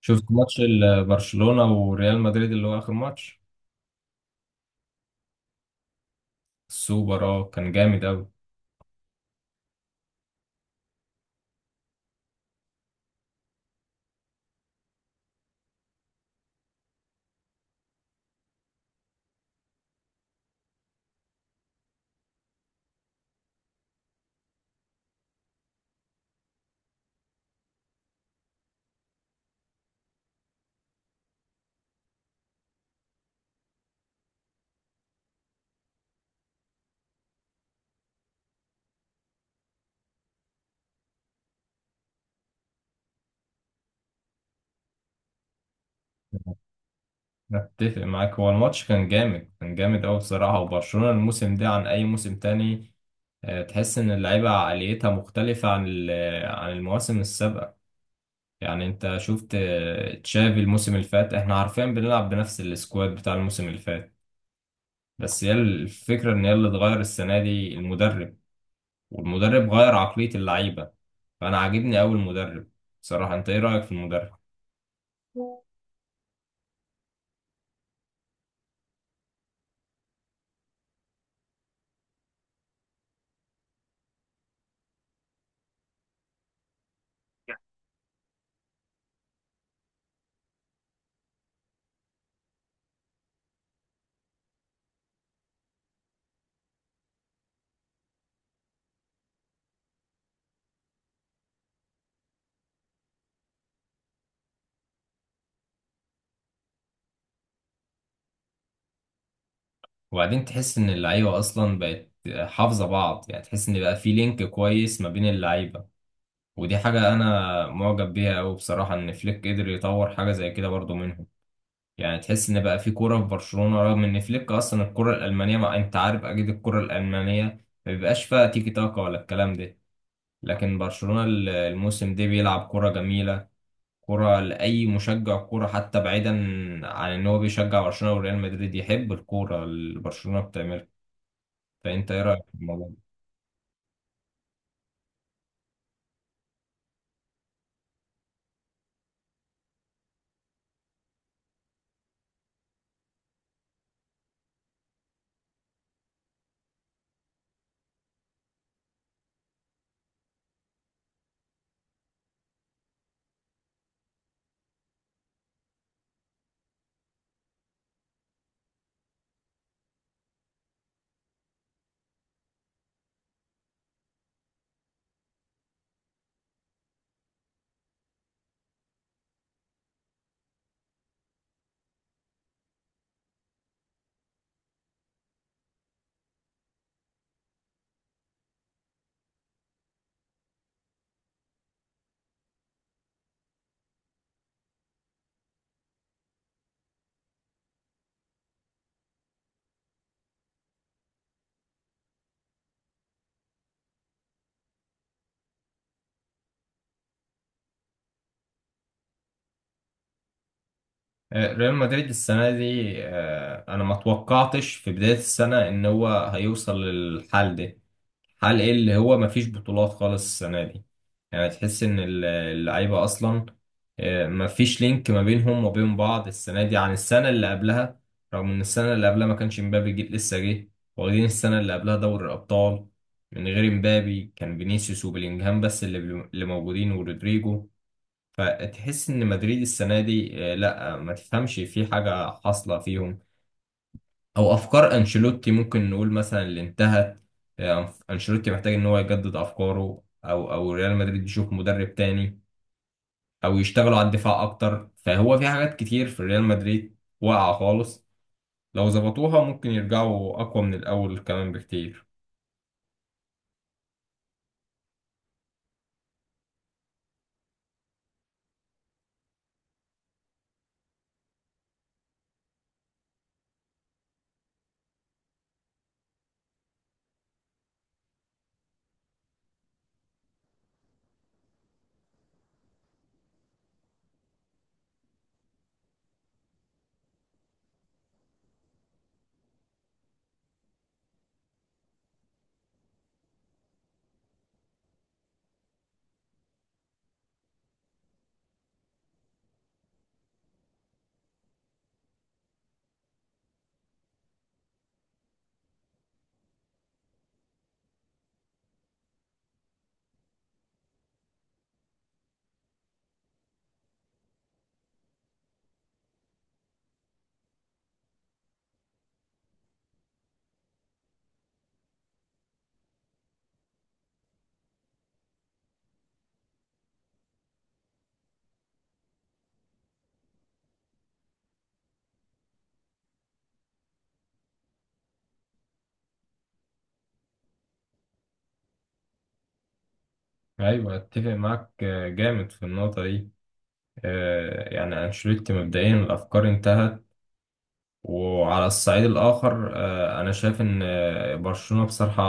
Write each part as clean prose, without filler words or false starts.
شفت ماتش برشلونة وريال مدريد اللي هو آخر ماتش السوبر. اه كان جامد أوي. أتفق معاك، هو الماتش كان جامد، كان جامد أوي بصراحة، وبرشلونة الموسم ده عن أي موسم تاني. تحس إن اللعيبة عقليتها مختلفة عن عن المواسم السابقة. يعني أنت شفت تشافي الموسم اللي فات، إحنا عارفين بنلعب بنفس السكواد بتاع الموسم اللي فات، بس هي الفكرة إن هي اللي اتغير السنة دي المدرب، والمدرب غير عقلية اللعيبة، فأنا عاجبني أوي المدرب بصراحة. أنت إيه رأيك في المدرب؟ وبعدين تحس إن اللعيبة أصلا بقت حافظة بعض، يعني تحس إن بقى في لينك كويس ما بين اللعيبة، ودي حاجة أنا معجب بيها أوي بصراحة، إن فليك قدر يطور حاجة زي كده برضو منهم. يعني تحس إن بقى في كورة في برشلونة، رغم إن فليك أصلا الكرة الألمانية، ما أنت عارف أكيد الكرة الألمانية ما بيبقاش فيها تيكي تاكا ولا الكلام ده. لكن برشلونة الموسم ده بيلعب كرة جميلة، كرة لأي مشجع كرة، حتى بعيدا عن إن هو بيشجع برشلونة وريال مدريد يحب الكورة اللي برشلونة بتعملها. فأنت إيه رأيك في الموضوع ده؟ ريال مدريد السنة دي، أنا ما توقعتش في بداية السنة إن هو هيوصل للحال ده، حال ايه اللي هو مفيش بطولات خالص السنة دي. يعني تحس ان اللعيبة اصلا مفيش لينك ما بينهم وبين بعض السنة دي عن السنة اللي قبلها، رغم ان السنة اللي قبلها ما كانش مبابي جه، لسه جه، واخدين السنة اللي قبلها دوري الابطال من غير مبابي. كان فينيسيوس وبيلينجهام بس اللي اللي موجودين، ورودريجو. فتحس ان مدريد السنة دي لا ما تفهمش في حاجة حاصلة فيهم، او افكار انشيلوتي ممكن نقول مثلا اللي انتهت. انشيلوتي محتاج ان هو يجدد افكاره، او ريال مدريد يشوف مدرب تاني، او يشتغلوا على الدفاع اكتر، فهو في حاجات كتير في ريال مدريد واقعة خالص، لو ظبطوها ممكن يرجعوا اقوى من الاول كمان بكتير. ايوه اتفق معاك، جامد في النقطة دي. يعني انشيلوتي مبدئيا الافكار انتهت. وعلى الصعيد الاخر انا شايف ان برشلونة بصراحة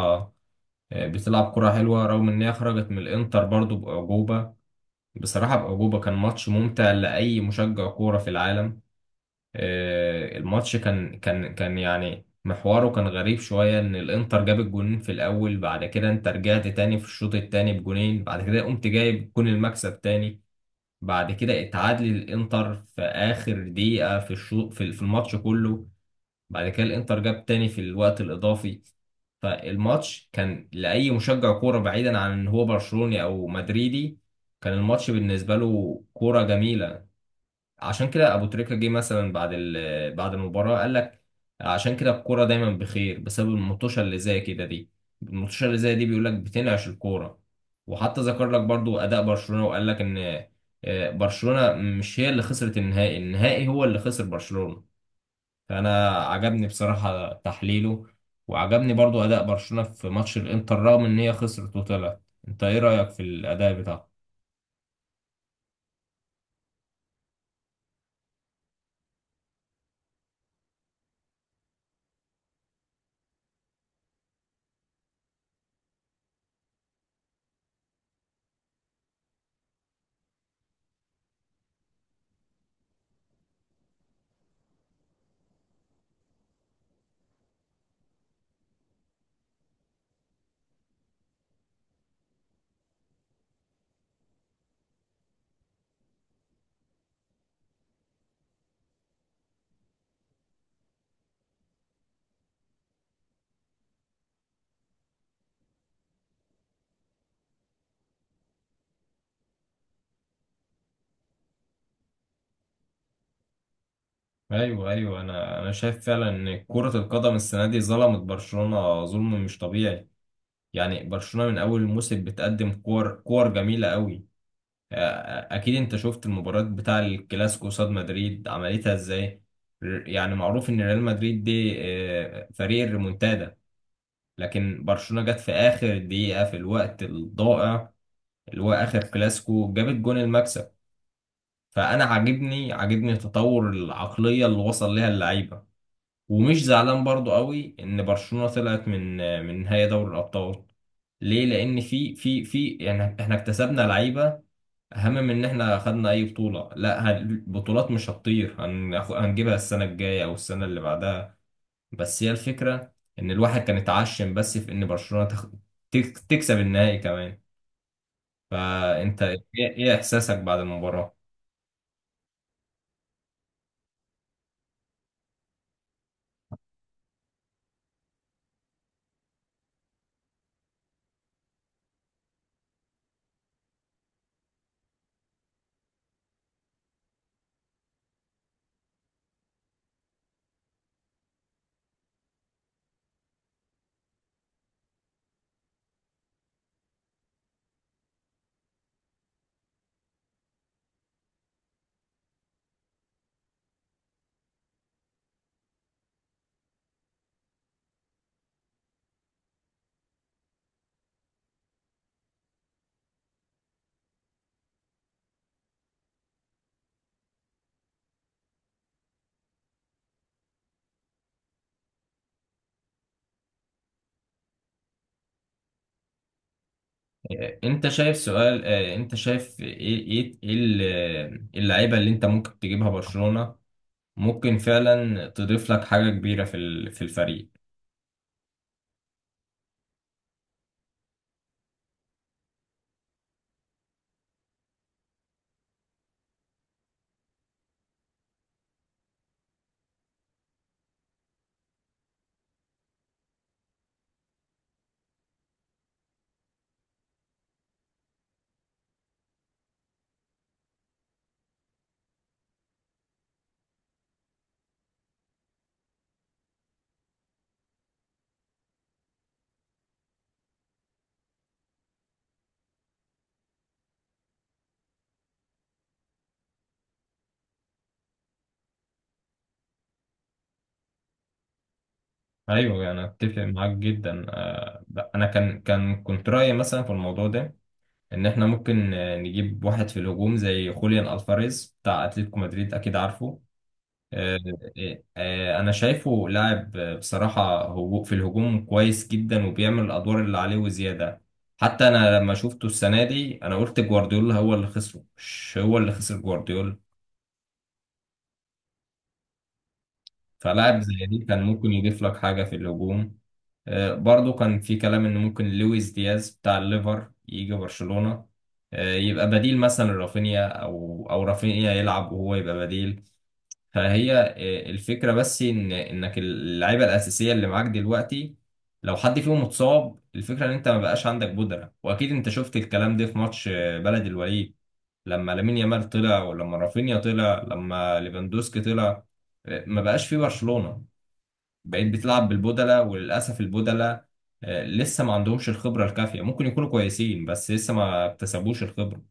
بتلعب كرة حلوة، رغم إن هي خرجت من الإنتر برضو بأعجوبة. بصراحة بأعجوبة، كان ماتش ممتع لأي مشجع كورة في العالم. الماتش كان يعني محوره كان غريب شوية، إن الإنتر جاب الجونين في الأول، بعد كده أنت رجعت تاني في الشوط التاني بجونين، بعد كده قمت جايب جون المكسب تاني، بعد كده اتعادل الإنتر في آخر دقيقة في الشوط في الماتش كله، بعد كده الانتر جاب تاني في الوقت الاضافي. فالماتش كان لاي مشجع كوره بعيدا عن ان هو برشلوني او مدريدي، كان الماتش بالنسبه له كوره جميله. عشان كده ابو تريكه جه مثلا بعد بعد المباراه، قال لك عشان كده الكوره دايما بخير بسبب المطوشه اللي زي كده دي، المطوشه اللي زي دي بيقول لك بتنعش الكوره. وحتى ذكر لك برضو اداء برشلونه، وقال لك ان برشلونه مش هي اللي خسرت النهائي، النهائي هو اللي خسر برشلونه. فانا عجبني بصراحة تحليله، وعجبني برضو اداء برشلونة في ماتش الانتر رغم ان هي خسرت وطلعت. انت ايه رأيك في الاداء بتاعه؟ ايوه ايوه، انا شايف فعلا ان كرة القدم السنة دي ظلمت برشلونة ظلم مش طبيعي. يعني برشلونة من اول الموسم بتقدم كور كور جميلة قوي. اكيد انت شفت المباراة بتاع الكلاسيكو قصاد مدريد عملتها ازاي. يعني معروف ان ريال مدريد دي فريق الريمونتادا، لكن برشلونة جت في آخر دقيقة في الوقت الضائع اللي هو آخر كلاسيكو، جابت جون المكسب. فأنا عاجبني، عاجبني تطور العقلية اللي وصل ليها اللعيبة. ومش زعلان برضو قوي إن برشلونة طلعت من من نهائي دوري الأبطال. ليه؟ لأن في يعني إحنا اكتسبنا لعيبة أهم من إن إحنا خدنا أي بطولة. لا، البطولات مش هتطير، هنجيبها السنة الجاية أو السنة اللي بعدها. بس هي الفكرة إن الواحد كان اتعشم بس في إن برشلونة تكسب النهائي كمان. فأنت إيه إحساسك بعد المباراة؟ أنت شايف إيه اللعيبة اللي أنت ممكن تجيبها برشلونة ممكن فعلا تضيف لك حاجة كبيرة في في الفريق. أيوه أنا أتفق معاك جدا، أنا كان كان كنت رأيي مثلا في الموضوع ده، إن إحنا ممكن نجيب واحد في الهجوم زي خوليان ألفاريز بتاع أتلتيكو مدريد، أكيد عارفه. آه، انا شايفه لاعب، بصراحه هو في الهجوم كويس جدا، وبيعمل الادوار اللي عليه وزياده. حتى انا لما شفته السنه دي انا قلت جوارديولا هو اللي خسره مش هو اللي خسر جوارديولا. فلاعب زي دي كان ممكن يضيف لك حاجه في الهجوم. برضو كان في كلام ان ممكن لويس دياز بتاع الليفر يجي برشلونه، يبقى بديل مثلا لرافينيا، او رافينيا يلعب وهو يبقى بديل. فهي الفكرة بس، إن إنك اللعيبة الأساسية اللي معاك دلوقتي لو حد فيهم اتصاب، الفكرة إن أنت ما بقاش عندك بودرة. وأكيد أنت شفت الكلام ده في ماتش بلد الوليد، لما لامين يامال طلع، ولما رافينيا طلع، لما ليفاندوسكي طلع، ما بقاش في برشلونة، بقيت بتلعب بالبودلة. وللأسف البودلة لسه ما عندهمش الخبرة الكافية، ممكن يكونوا كويسين بس لسه ما اكتسبوش الخبرة.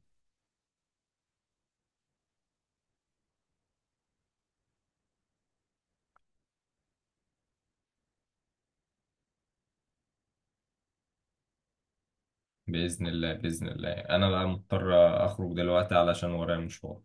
بإذن الله، بإذن الله، أنا بقى مضطر أخرج دلوقتي علشان ورايا مشوار.